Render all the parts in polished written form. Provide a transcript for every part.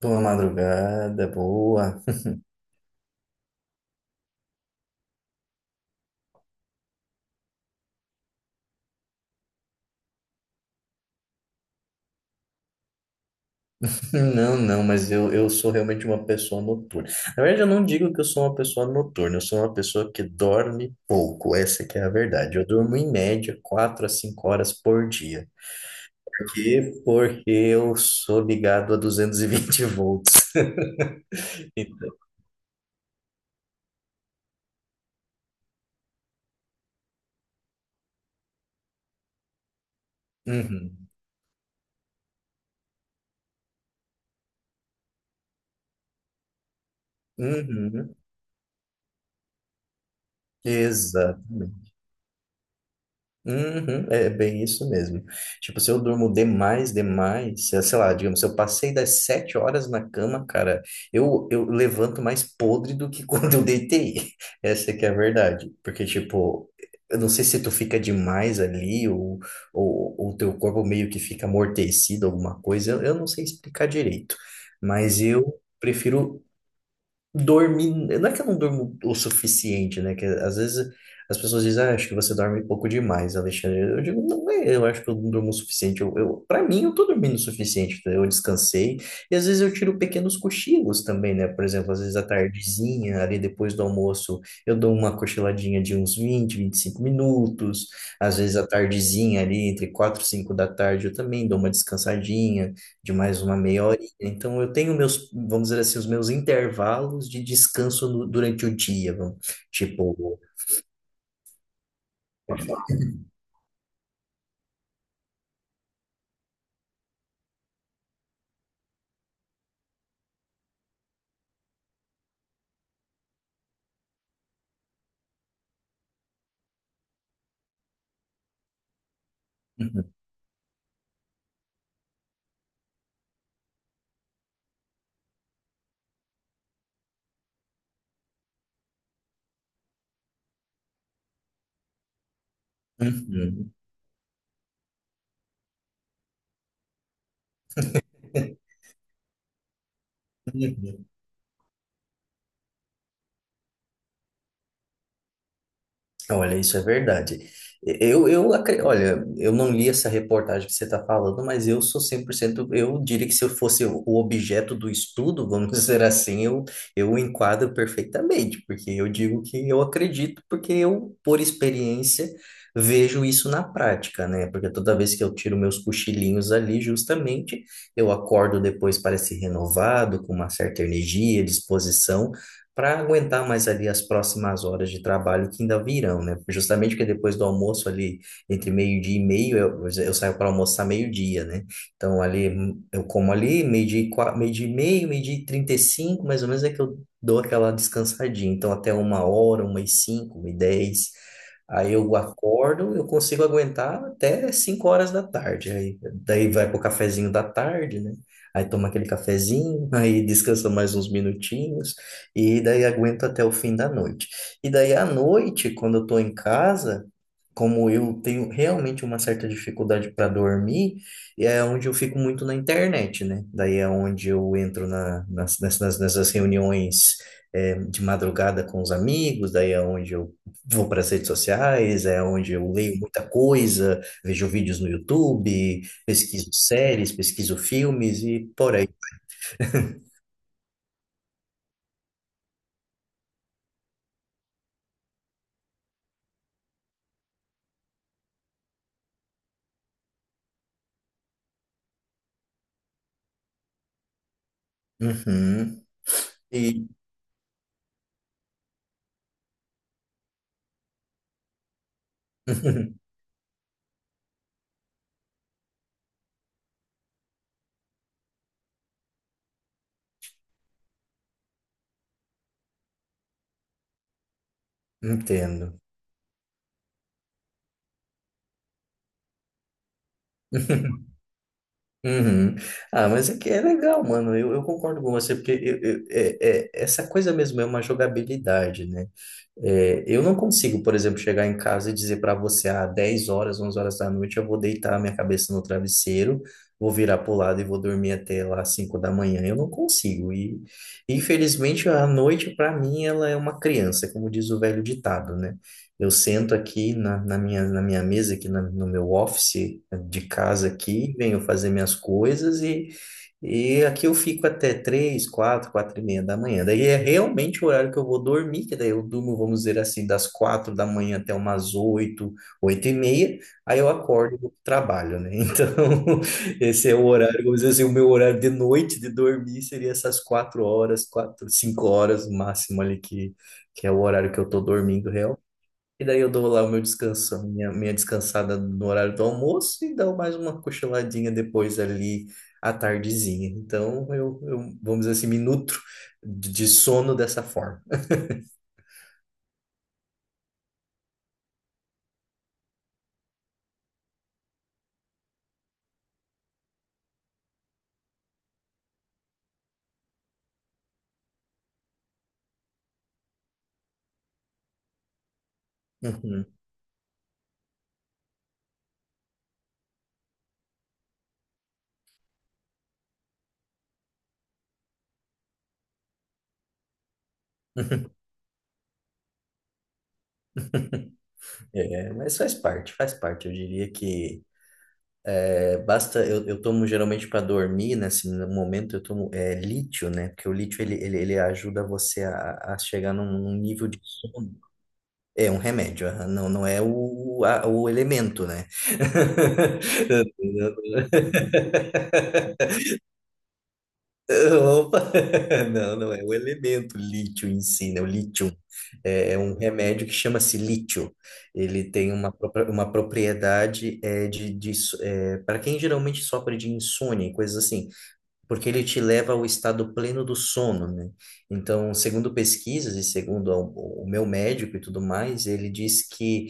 Boa madrugada, boa. Não, não, mas eu sou realmente uma pessoa noturna. Na verdade, eu não digo que eu sou uma pessoa noturna, eu sou uma pessoa que dorme pouco, essa que é a verdade. Eu durmo em média 4 a 5 horas por dia. Por quê? Porque eu sou ligado a 220 volts. Então, uhum, uhum, exato. Uhum, é bem isso mesmo. Tipo, se eu durmo demais, demais, sei lá, digamos, se eu passei das 7 horas na cama, cara, eu levanto mais podre do que quando eu deitei. Essa que é a verdade. Porque, tipo, eu não sei se tu fica demais ali ou o teu corpo meio que fica amortecido, alguma coisa, eu não sei explicar direito. Mas eu prefiro dormir. Não é que eu não durmo o suficiente, né? Que às vezes as pessoas dizem, ah, acho que você dorme pouco demais, Alexandre. Eu digo, não é, eu acho que eu não durmo o suficiente. Eu, para mim, eu tô dormindo o suficiente. Tá? Eu descansei. E às vezes eu tiro pequenos cochilos também, né? Por exemplo, às vezes à tardezinha, ali depois do almoço, eu dou uma cochiladinha de uns 20 25 minutos. Às vezes à tardezinha, ali entre 4 e 5 da tarde, eu também dou uma descansadinha de mais uma meia, então, eu tenho meus, vamos dizer assim, os meus intervalos de descanso durante o dia, tipo. Uhum, uhum, uhum. Olha, isso é verdade. Olha, eu não li essa reportagem que você está falando, mas eu sou 100%. Eu diria que se eu fosse o objeto do estudo, vamos dizer assim, eu enquadro perfeitamente, porque eu digo que eu acredito, porque eu, por experiência, vejo isso na prática, né? Porque toda vez que eu tiro meus cochilinhos ali, justamente, eu acordo depois, parece renovado, com uma certa energia, disposição, para aguentar mais ali as próximas horas de trabalho que ainda virão, né? Justamente porque depois do almoço ali, entre meio-dia e meio, eu saio para almoçar meio-dia, né? Então ali, eu como ali, meio-dia e meio, meio-dia e trinta e cinco, mais ou menos é que eu dou aquela descansadinha. Então até uma hora, uma e cinco, uma e dez. Aí eu acordo, eu consigo aguentar até 5 horas da tarde. Aí, daí vai pro cafezinho da tarde, né? Aí toma aquele cafezinho, aí descansa mais uns minutinhos. E daí aguento até o fim da noite. E daí à noite, quando eu tô em casa, como eu tenho realmente uma certa dificuldade para dormir, é onde eu fico muito na internet, né? Daí é onde eu entro nessas reuniões, de madrugada com os amigos, daí é onde eu vou para as redes sociais, é onde eu leio muita coisa, vejo vídeos no YouTube, pesquiso séries, pesquiso filmes e por aí. Uhum. E Entendo. Uhum. Ah, mas é que é legal, mano. Eu concordo com você, porque essa coisa mesmo é uma jogabilidade, né? É, eu não consigo, por exemplo, chegar em casa e dizer para você, ah, 10 horas, 11 horas da noite, eu vou deitar a minha cabeça no travesseiro, vou virar pro lado e vou dormir até lá 5 da manhã. Eu não consigo. E, infelizmente, a noite, para mim, ela é uma criança, como diz o velho ditado, né? Eu sento aqui na minha mesa, aqui no meu office de casa aqui, venho fazer minhas coisas e aqui eu fico até três, quatro, quatro e meia da manhã. Daí é realmente o horário que eu vou dormir, que daí eu durmo, vamos dizer assim, das 4 da manhã até umas oito, oito e meia. Aí eu acordo e vou pro trabalho, né? Então, esse é o horário, vamos dizer assim, o meu horário de noite de dormir seria essas 4 horas, quatro, cinco horas no máximo ali, que é o horário que eu tô dormindo e daí eu dou lá o meu descanso, a minha descansada no horário do almoço e dou mais uma cochiladinha depois ali à tardezinha. Então eu vamos dizer assim, me nutro de sono dessa forma. Uhum. É, mas faz parte, faz parte. Eu diria que é, basta. Eu tomo geralmente para dormir, né? Assim, no momento eu tomo lítio, né? Porque o lítio ele ajuda você a chegar num nível de sono. É um remédio, aham. Não, não é o elemento, né? Opa! Não, não é o elemento lítio em si, né? O lítio é um remédio que chama-se lítio. Ele tem uma propriedade, de para quem geralmente sofre de insônia e coisas assim, porque ele te leva ao estado pleno do sono, né? Então, segundo pesquisas e segundo o meu médico e tudo mais, ele diz que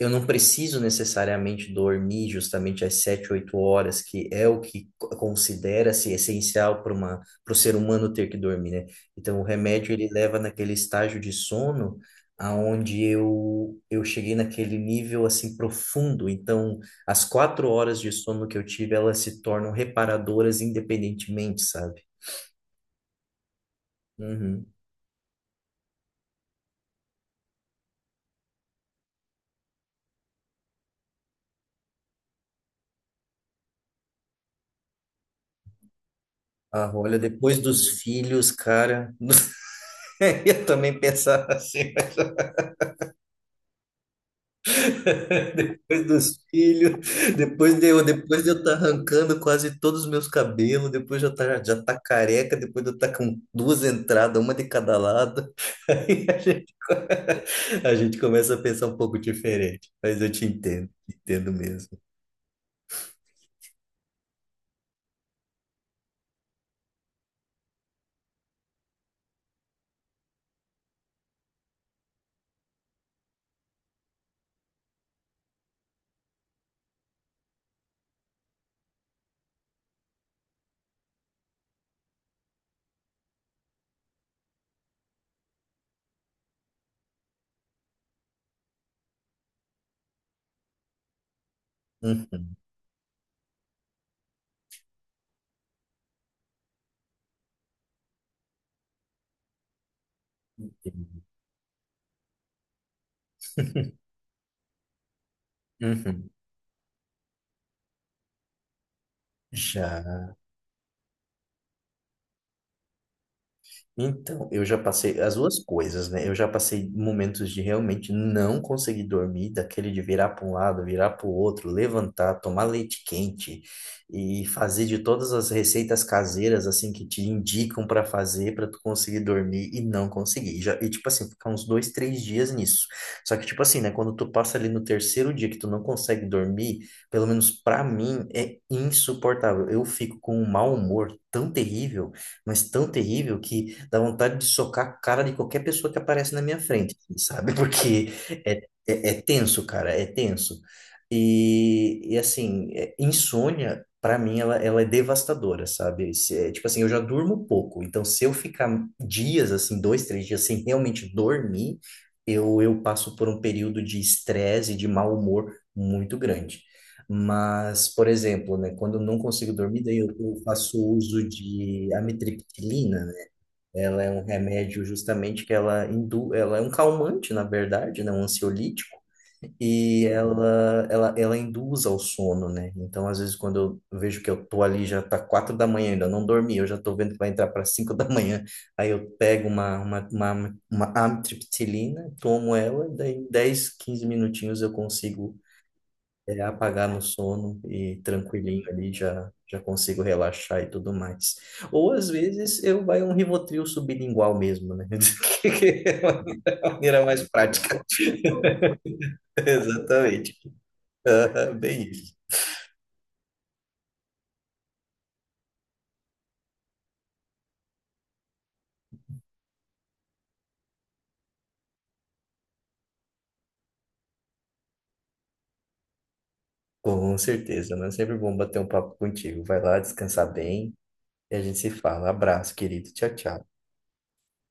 eu não preciso necessariamente dormir justamente às sete, oito horas, que é o que considera-se essencial para o ser humano ter que dormir, né? Então, o remédio ele leva naquele estágio de sono aonde eu cheguei naquele nível assim profundo. Então, as 4 horas de sono que eu tive, elas se tornam reparadoras independentemente, sabe? Uhum. Ah, olha, depois dos filhos, cara, eu também pensava assim. Depois dos filhos, depois de eu estar arrancando quase todos os meus cabelos, depois de eu tá, já tá careca, depois de eu estar com duas entradas, uma de cada lado, aí a gente começa a pensar um pouco diferente. Mas eu te entendo mesmo. Uhum, entendi. Uhum. Já. Então, eu já passei as duas coisas, né? Eu já passei momentos de realmente não conseguir dormir, daquele de virar para um lado, virar para o outro, levantar, tomar leite quente e fazer de todas as receitas caseiras assim que te indicam para fazer para tu conseguir dormir e não conseguir. E, já, e tipo assim, ficar uns dois, três dias nisso. Só que tipo assim, né? Quando tu passa ali no terceiro dia que tu não consegue dormir, pelo menos para mim é insuportável. Eu fico com um mau humor tão terrível mas tão terrível que dá vontade de socar a cara de qualquer pessoa que aparece na minha frente, assim, sabe? Porque é, é tenso, cara, é tenso. E assim, insônia, pra mim, ela é devastadora, sabe? Tipo assim, eu já durmo pouco, então se eu ficar dias, assim, dois, três dias sem realmente dormir, eu passo por um período de estresse e de mau humor muito grande. Mas, por exemplo, né, quando eu não consigo dormir, daí eu faço uso de amitriptilina, né? Ela é um remédio justamente que ela é um calmante, na verdade, né, um ansiolítico, e ela induz ao sono, né? Então, às vezes, quando eu vejo que eu tô ali, já tá 4 da manhã, ainda não dormi, eu já tô vendo que vai entrar para 5 da manhã, aí eu pego uma amitriptilina, tomo ela, daí em 10, 15 minutinhos eu consigo apagar no sono e tranquilinho ali já já consigo relaxar e tudo mais. Ou às vezes eu vai um Rivotril sublingual mesmo, né? Que é a maneira mais prática. Exatamente. Aham, bem isso. Com certeza, né, sempre bom bater um papo contigo. Vai lá descansar bem e a gente se fala. Abraço, querido. Tchau, tchau.